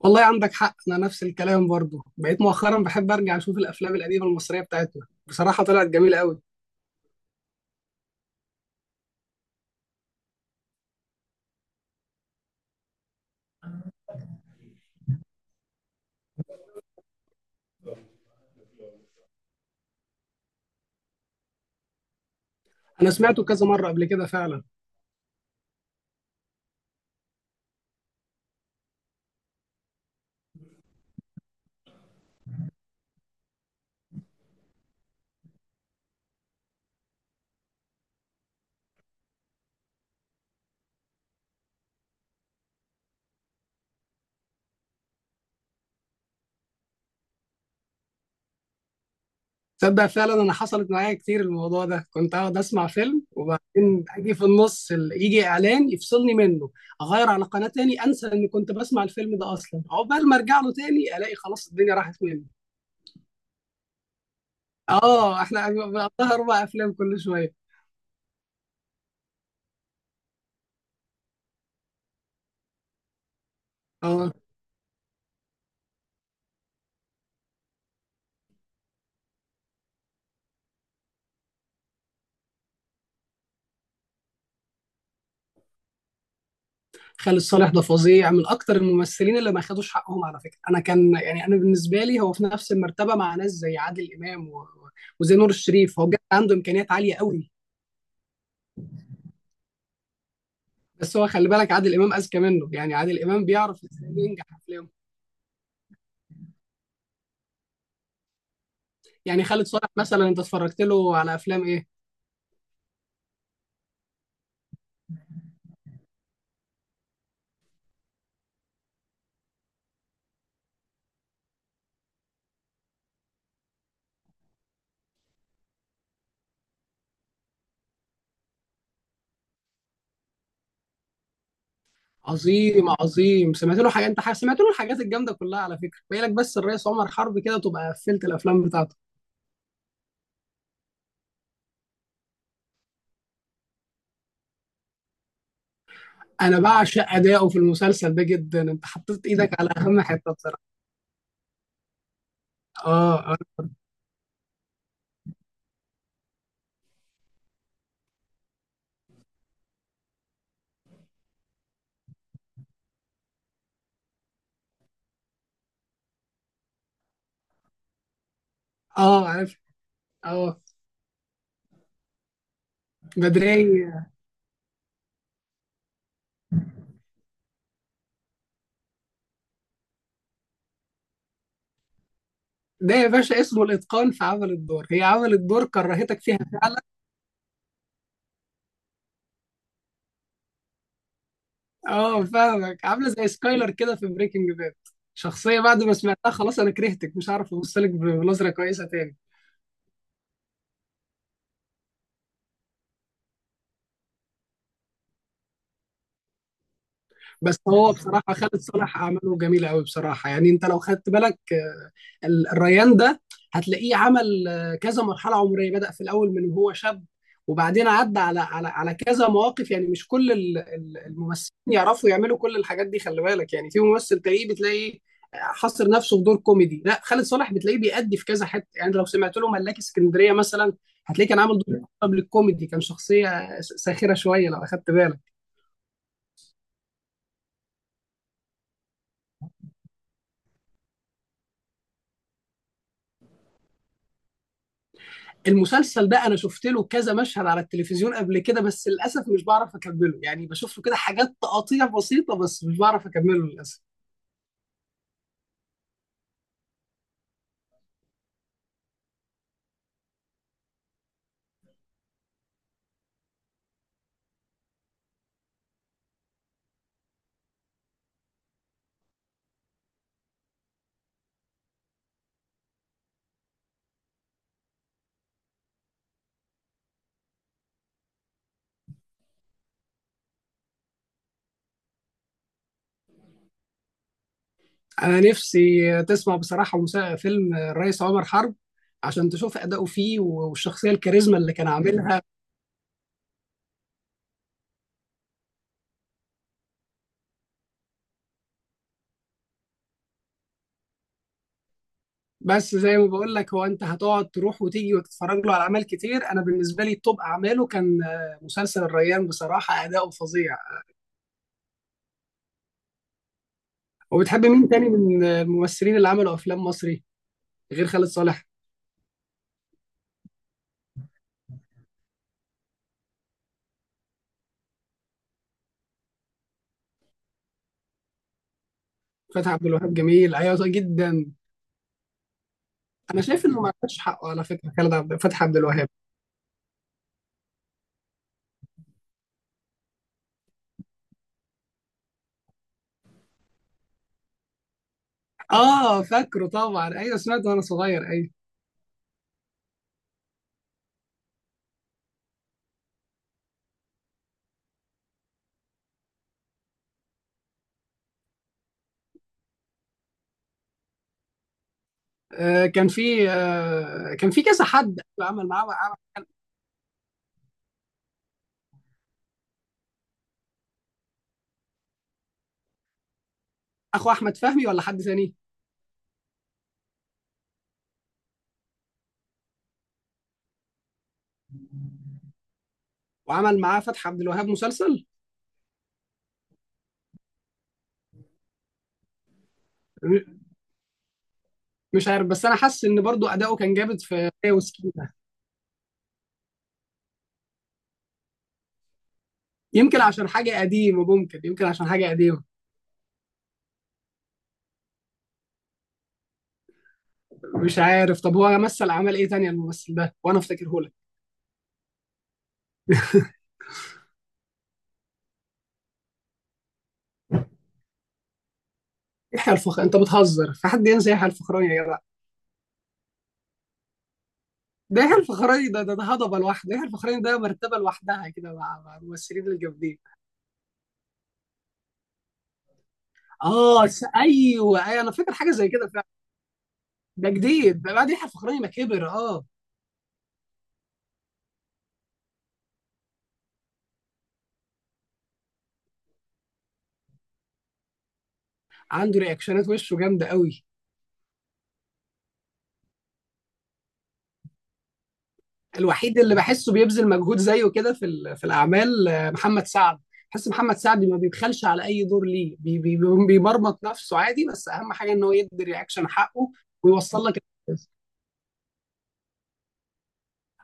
والله عندك حق، انا نفس الكلام. برضو بقيت مؤخرا بحب ارجع اشوف الافلام القديمه المصريه بتاعتنا، بصراحه طلعت جميله قوي. انا سمعته كذا مره قبل كده فعلا. تصدق فعلا انا حصلت معايا كتير الموضوع ده، كنت اقعد اسمع فيلم وبعدين اجي في النص يجي اعلان يفصلني منه، اغير على قناه تاني، انسى اني كنت بسمع الفيلم ده اصلا، عقبال ما ارجع له تاني الاقي خلاص الدنيا راحت مني. اه، احنا بقى 4 افلام كل شويه. اه، خالد صالح ده فظيع، من اكتر الممثلين اللي ما خدوش حقهم على فكره. انا كان يعني انا بالنسبه لي هو في نفس المرتبه مع ناس زي عادل امام و... وزي نور الشريف. هو بجد عنده امكانيات عاليه قوي. بس هو خلي بالك عادل امام اذكى منه، يعني عادل امام بيعرف ازاي ينجح افلامه. يعني خالد صالح مثلا انت اتفرجت له على افلام ايه؟ عظيم عظيم. سمعت له حاجه؟ انت سمعت له الحاجات الجامده كلها على فكره، باقي لك بس الرئيس عمر حرب، كده تبقى قفلت الافلام بتاعته. انا بعشق اداؤه في المسلسل ده جدا، انت حطيت ايدك على اهم حته بصراحه. اه. آه. اه، عارف. اه، بدرية. ده يا باشا اسمه الاتقان في عمل الدور، هي عملت دور كرهتك فيها فعلا. اه فاهمك، عامله زي سكايلر كده في بريكنج باد. شخصيه بعد ما سمعتها خلاص انا كرهتك، مش عارف ابص لك بنظره كويسه تاني. بس هو بصراحة خالد صالح أعماله جميلة أوي بصراحة، يعني أنت لو خدت بالك، الريان ده هتلاقيه عمل كذا مرحلة عمرية، بدأ في الأول من وهو شاب وبعدين عدى على كذا مواقف. يعني مش كل الممثلين يعرفوا يعملوا كل الحاجات دي، خلي بالك. يعني في ممثل تلاقيه بتلاقيه حصر نفسه في دور كوميدي، لا خالد صالح بتلاقيه بيأدي في كذا حتة. يعني لو سمعت له ملاك اسكندرية مثلا هتلاقيه كان عامل دور قبل الكوميدي، كان شخصية ساخرة شوية لو أخدت بالك. المسلسل ده انا شفت له كذا مشهد على التلفزيون قبل كده، بس للاسف مش بعرف اكمله، يعني بشوف له كده حاجات تقاطيع بسيطه بس مش بعرف اكمله للاسف. انا نفسي تسمع بصراحه فيلم الرئيس عمر حرب عشان تشوف اداؤه فيه والشخصيه الكاريزما اللي كان عاملها. بس زي ما بقول لك، هو انت هتقعد تروح وتيجي وتتفرج له على اعمال كتير، انا بالنسبه لي توب اعماله كان مسلسل الريان، بصراحه اداؤه فظيع. وبتحب مين تاني من الممثلين اللي عملوا افلام مصري غير خالد صالح؟ فتحي عبد الوهاب جميل، ايوه صح جدا. انا شايف انه ما عندهاش حقه على فكره، خالد عبد فتحي عبد الوهاب. اه فاكره طبعا، ايوه سمعته وانا صغير ايوه. آه كان في آه كان في كذا حد عمل معاه اخو احمد فهمي ولا حد ثاني وعمل معاه فتحي عبد الوهاب مسلسل؟ م- مش عارف، بس انا حاسس ان برضو اداؤه كان جامد في هي وسكينه. يمكن عشان حاجه قديمه، ممكن يمكن عشان حاجه قديمه. مش عارف. طب هو مثل اعمال ايه تانية الممثل ده وانا افتكرهولك؟ يحيى الفخر انت بتهزر؟ في حد ينسى يحيى الفخراني يا جدع؟ ده يحيى الفخراني ده هضبه لوحده، يحيى الفخراني ده مرتبه لوحدها كده مع الممثلين الجامدين. اه، ايوه ايوه انا فاكر حاجه زي كده فعلا. ده جديد ده بعد يحيى الفخراني ما كبر اه. عنده رياكشنات، وشه جامده قوي. الوحيد اللي بحسه بيبذل مجهود زيه كده في في الاعمال محمد سعد. بحس محمد سعد ما بيبخلش على اي دور ليه بي بي بيمرمط نفسه عادي، بس اهم حاجه ان هو يدي رياكشن حقه ويوصل لك.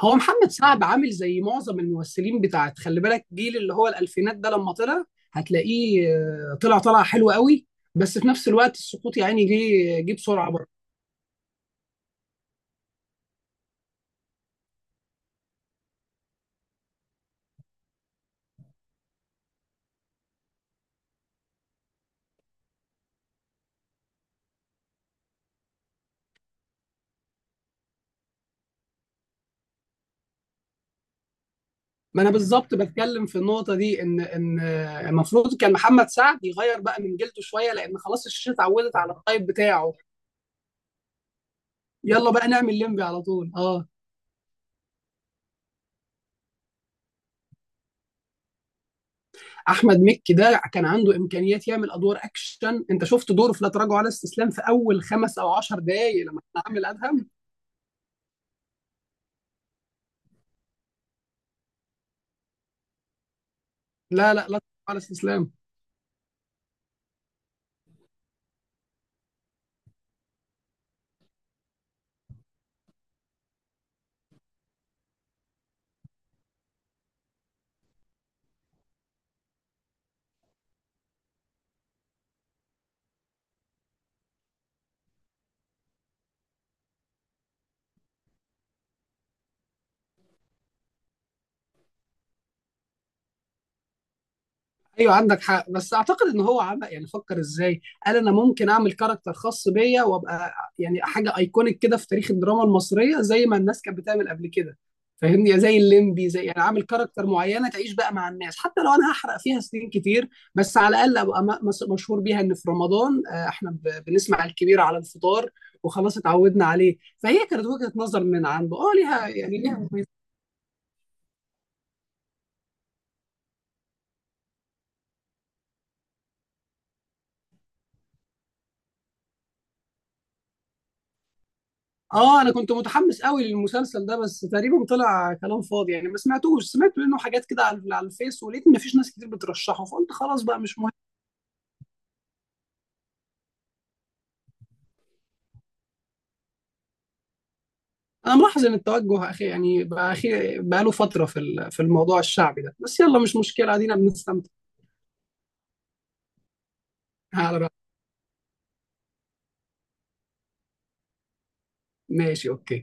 هو محمد سعد عامل زي معظم الممثلين بتاعت، خلي بالك جيل اللي هو الألفينات ده لما طلع هتلاقيه طلع حلو قوي، بس في نفس الوقت السقوط يعني جه بسرعة برضه. ما انا بالظبط بتكلم في النقطة دي، ان المفروض كان محمد سعد يغير بقى من جلده شوية لان خلاص الشاشة اتعودت على الطيب بتاعه. يلا بقى نعمل لمبي على طول اه. احمد مكي ده كان عنده امكانيات يعمل ادوار اكشن، انت شفت دوره في لا تراجع ولا استسلام في اول 5 او 10 دقايق لما كان عامل ادهم؟ لا لا لا، على استسلام. ايوه عندك حق، بس اعتقد ان هو عمق، يعني فكر ازاي. قال انا ممكن اعمل كاركتر خاص بيا وابقى يعني حاجه ايكونيك كده في تاريخ الدراما المصريه زي ما الناس كانت بتعمل قبل كده، فاهمني، زي الليمبي، زي يعني عامل كاركتر معينه تعيش بقى مع الناس حتى لو انا هحرق فيها سنين كتير. بس على الاقل ابقى مشهور بيها، ان في رمضان احنا بنسمع الكبير على الفطار وخلاص اتعودنا عليه. فهي كانت وجهه نظر من عنده اه، ليها يعني ليها. اه، انا كنت متحمس قوي للمسلسل ده بس تقريبا طلع كلام فاضي، يعني ما سمعتوش، سمعت منه حاجات كده على الفيس ولقيت ما فيش ناس كتير بترشحه فقلت خلاص بقى مش مهم. انا ملاحظ ان التوجه اخي، يعني بقى اخي بقى له فتره في في الموضوع الشعبي ده، بس يلا مش مشكله، ادينا بنستمتع. على رأيك. ماشي، اوكي.